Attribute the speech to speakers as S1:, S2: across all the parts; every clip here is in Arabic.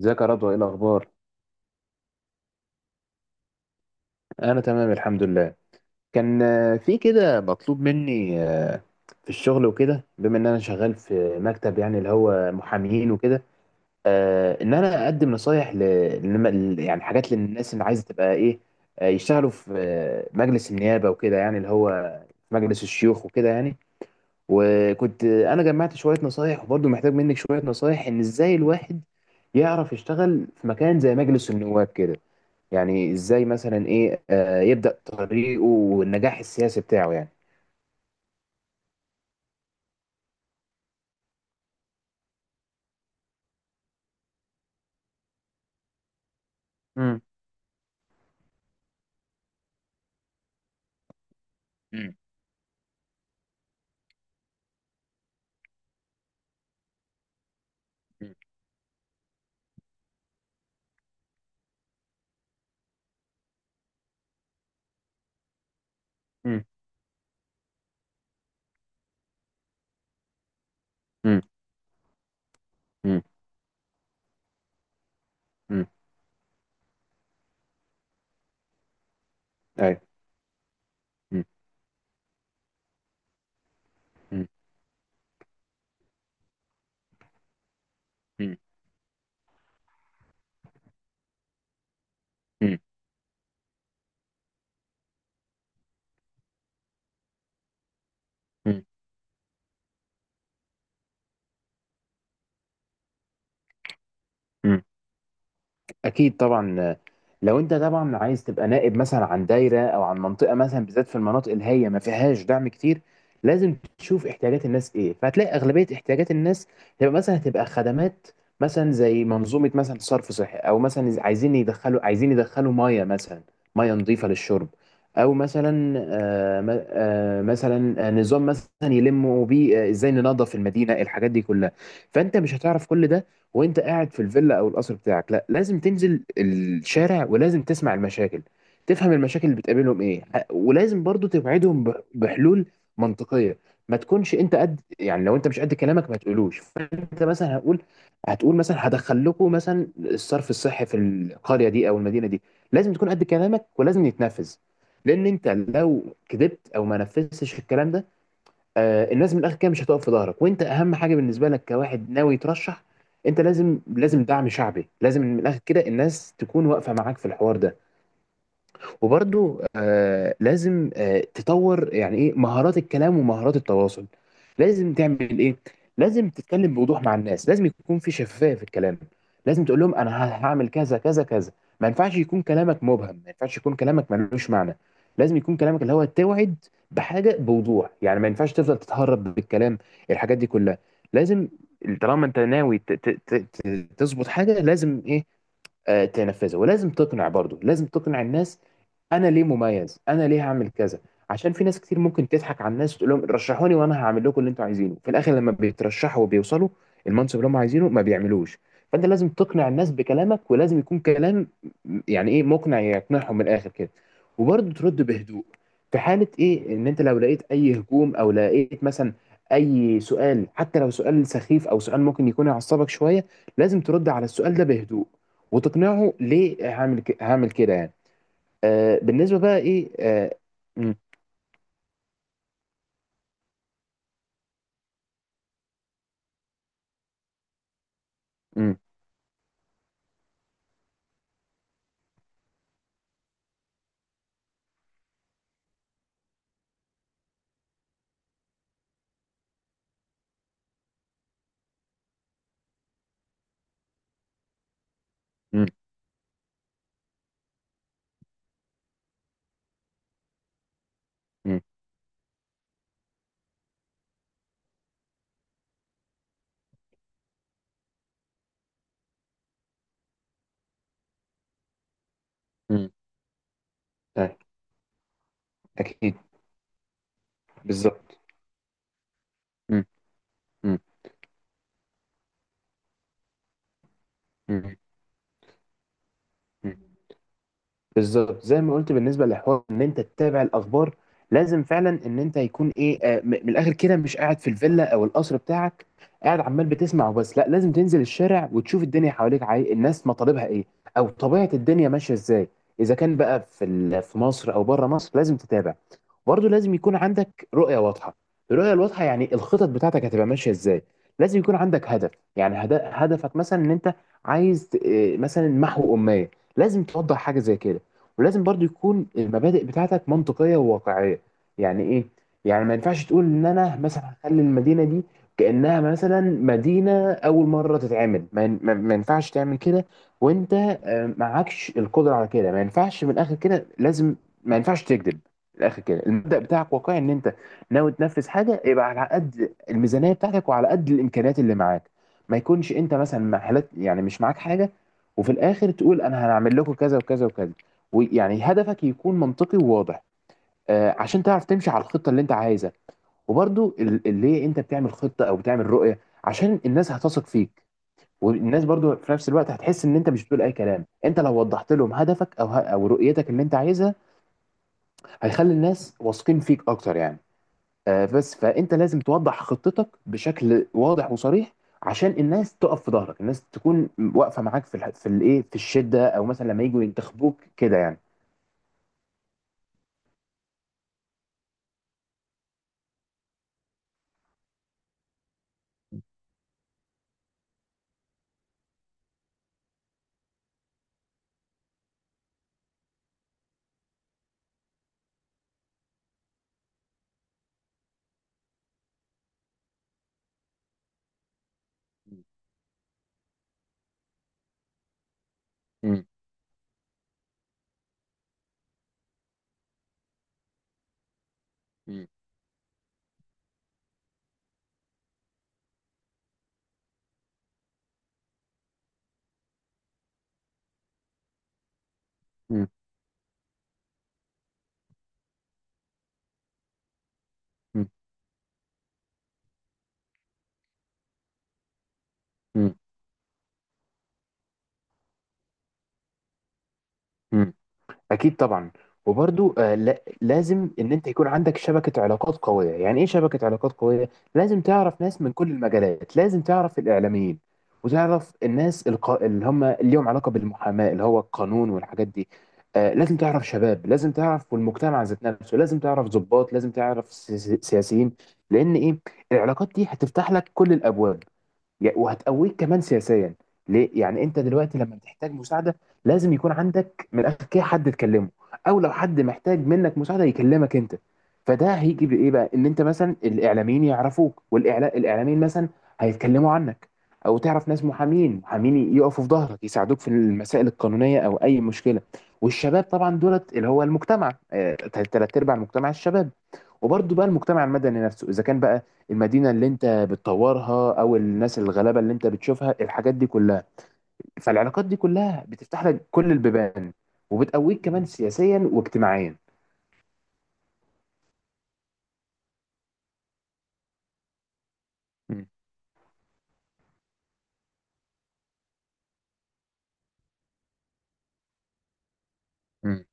S1: ازيك يا رضوى، ايه الاخبار؟ انا تمام الحمد لله. كان في كده مطلوب مني في الشغل وكده، بما ان انا شغال في مكتب، يعني اللي هو محامين وكده. ان انا اقدم نصايح ل... لم- ل- يعني حاجات للناس اللي عايزه تبقى ايه، يشتغلوا في مجلس النيابه وكده، يعني اللي هو في مجلس الشيوخ وكده يعني. وكنت انا جمعت شويه نصايح، وبرضه محتاج منك شويه نصايح، ان ازاي الواحد يعرف يشتغل في مكان زي مجلس النواب كده، يعني ازاي مثلا ايه يبدأ طريقه والنجاح السياسي بتاعه يعني. مم. مم. مم. مم. مم. مم. ايوه. مم. مم. مم. مم. مم. اكيد طبعا. لو انت طبعا عايز تبقى نائب مثلا عن دايره او عن منطقه، مثلا بالذات في المناطق اللي هي ما فيهاش دعم كتير، لازم تشوف احتياجات الناس ايه. فهتلاقي اغلبيه احتياجات الناس تبقى مثلا هتبقى خدمات، مثلا زي منظومه مثلا صرف صحي، او مثلا عايزين يدخلوا ميه مثلا، ميه نظيفه للشرب، او مثلا نظام مثلا يلموا بيه ازاي ننظف المدينه، الحاجات دي كلها. فانت مش هتعرف كل ده وانت قاعد في الفيلا او القصر بتاعك. لا، لازم تنزل الشارع، ولازم تسمع المشاكل، تفهم المشاكل اللي بتقابلهم ايه، ولازم برضو توعدهم بحلول منطقية. ما تكونش انت قد، يعني لو انت مش قد كلامك ما تقولوش. فانت مثلا هتقول مثلا هدخل لكم مثلا الصرف الصحي في القرية دي او المدينة دي، لازم تكون قد كلامك ولازم يتنفذ. لان انت لو كذبت او ما نفذتش الكلام ده، الناس من الاخر كده مش هتقف في ظهرك. وانت اهم حاجه بالنسبه لك كواحد ناوي يترشح، انت لازم، لازم دعم شعبي، لازم من الاخر كده الناس تكون واقفه معاك في الحوار ده. وبرضو لازم تطور، يعني ايه؟ مهارات الكلام ومهارات التواصل. لازم تعمل ايه؟ لازم تتكلم بوضوح مع الناس، لازم يكون في شفافية في الكلام. لازم تقول لهم انا هعمل كذا كذا كذا. ما ينفعش يكون كلامك مبهم، ما ينفعش يكون كلامك ملوش معنى. لازم يكون كلامك اللي هو توعد بحاجة بوضوح، يعني ما ينفعش تفضل تتهرب بالكلام. الحاجات دي كلها لازم. طالما انت ناوي تظبط حاجة، لازم ايه؟ تنفذها، ولازم تقنع برضو، لازم تقنع الناس انا ليه مميز، انا ليه هعمل كذا. عشان في ناس كتير ممكن تضحك على الناس، تقول لهم رشحوني وانا هعمل لكم اللي انتوا عايزينه، في الاخر لما بيترشحوا وبيوصلوا المنصب اللي هم عايزينه ما بيعملوش. فانت لازم تقنع الناس بكلامك، ولازم يكون كلام يعني ايه؟ مقنع، يقنعهم من الاخر كده. وبرضه ترد بهدوء في حالة ايه؟ ان انت لو لقيت اي هجوم، او لقيت مثلا اي سؤال، حتى لو سؤال سخيف او سؤال ممكن يكون يعصبك شوية، لازم ترد على السؤال ده بهدوء، وتقنعه ليه هعمل كده يعني. بالنسبه بقى ايه، آه م- م- م- م- م. آه، اكيد، بالظبط. م- م- م- م. بالظبط زي ما قلت بالنسبه للحوار، ان انت تتابع الاخبار، لازم فعلا ان انت يكون ايه من الاخر كده مش قاعد في الفيلا او القصر بتاعك قاعد عمال بتسمع وبس. لا، لازم تنزل الشارع وتشوف الدنيا حواليك، الناس مطالبها ايه، او طبيعه الدنيا ماشيه ازاي. اذا كان بقى في مصر او بره مصر، لازم تتابع. برضه لازم يكون عندك رؤية واضحة. الرؤية الواضحة يعني الخطط بتاعتك هتبقى ماشية ازاي. لازم يكون عندك هدف، يعني هدفك مثلا ان انت عايز ت- إيه، مثلا محو أمية. لازم توضح حاجة زي كده، ولازم برضه يكون المبادئ بتاعتك منطقية وواقعية. يعني ايه؟ يعني ما ينفعش تقول ان انا مثلا هخلي المدينة دي كأنها مثلا مدينة أول مرة تتعمل. ما ين- ما- ما ينفعش تعمل كده، وانت معكش القدرة على كده. ما ينفعش من الآخر كده لازم. ما ينفعش تكذب، الاخر كده المبدأ بتاعك واقعي. ان انت ناوي تنفذ حاجه، يبقى على قد الميزانيه بتاعتك وعلى قد الامكانيات اللي معاك. ما يكونش انت مثلا محلات يعني مش معاك حاجه وفي الاخر تقول انا هنعمل لكم كذا وكذا وكذا. ويعني هدفك يكون منطقي وواضح، عشان تعرف تمشي على الخطه اللي انت عايزها. وبرضو اللي انت بتعمل خطه او بتعمل رؤيه، عشان الناس هتثق فيك. والناس برضو في نفس الوقت هتحس ان انت مش بتقول اي كلام. انت لو وضحت لهم هدفك او رؤيتك اللي انت عايزها، هيخلي الناس واثقين فيك اكتر يعني. بس فانت لازم توضح خطتك بشكل واضح وصريح، عشان الناس تقف في ظهرك، الناس تكون واقفه معاك في الايه، في الشده او مثلا لما يجوا ينتخبوك كده يعني. مم. مم. مم. مم. مم. اكيد طبعا. وبرضو لا لازم ان انت يكون عندك شبكه علاقات قويه. يعني ايه شبكه علاقات قويه؟ لازم تعرف ناس من كل المجالات، لازم تعرف الاعلاميين وتعرف الناس اللي هم ليهم علاقه بالمحاماه اللي هو القانون والحاجات دي. لازم تعرف شباب، لازم تعرف والمجتمع ذات نفسه، لازم تعرف ضباط، لازم تعرف سياسيين. لان ايه؟ العلاقات دي هتفتح لك كل الابواب، وهتقويك كمان سياسيا. ليه يعني؟ انت دلوقتي لما بتحتاج مساعده، لازم يكون عندك من الاخر كده حد تكلمه، او لو حد محتاج منك مساعده يكلمك انت. فده هيجي بايه بقى؟ ان انت مثلا الاعلاميين يعرفوك والاعلاميين مثلا هيتكلموا عنك، او تعرف ناس محامين يقفوا في ظهرك يساعدوك في المسائل القانونيه او اي مشكله. والشباب طبعا دولت اللي هو المجتمع، تلات ارباع المجتمع الشباب. وبرضه بقى المجتمع المدني نفسه، اذا كان بقى المدينه اللي انت بتطورها او الناس الغلابه اللي انت بتشوفها، الحاجات دي كلها، فالعلاقات دي كلها بتفتح لك كل البيبان، وبتقويك كمان سياسيا واجتماعيا. مم. مم.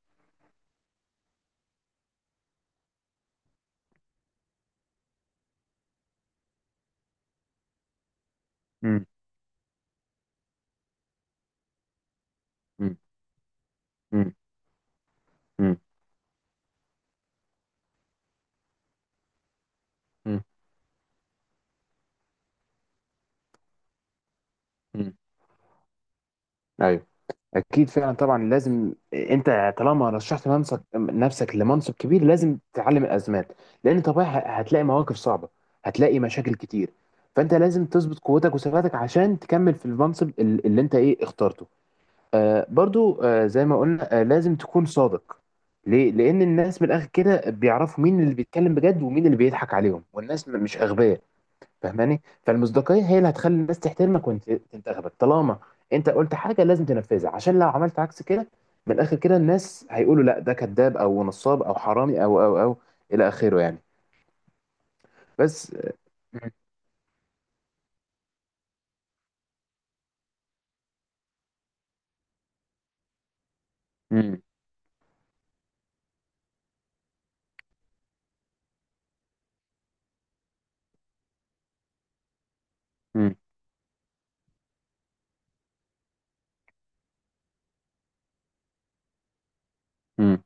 S1: مم. مم. مم. مم. مم. مم. ايوه. اكيد فعلا طبعا. لازم انت طالما رشحت منصب نفسك لمنصب كبير، لازم تتعلم الازمات. لان طبيعي هتلاقي مواقف صعبه، هتلاقي مشاكل كتير. فانت لازم تظبط قوتك وثباتك عشان تكمل في المنصب اللي انت ايه اخترته. برضو زي ما قلنا، لازم تكون صادق. ليه؟ لأن الناس من الآخر كده بيعرفوا مين اللي بيتكلم بجد ومين اللي بيضحك عليهم، والناس مش أغبياء. فاهماني؟ فالمصداقية هي اللي هتخلي الناس تحترمك وانت تنتخبك. طالما انت قلت حاجة لازم تنفذها، عشان لو عملت عكس كده، من الآخر كده الناس هيقولوا لا ده كذاب أو نصاب أو حرامي أو أو أو إلى آخره يعني. بس. مم. مم. مم. مم.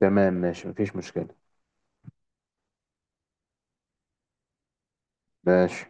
S1: تمام ماشي مفيش مشكلة. ماشي.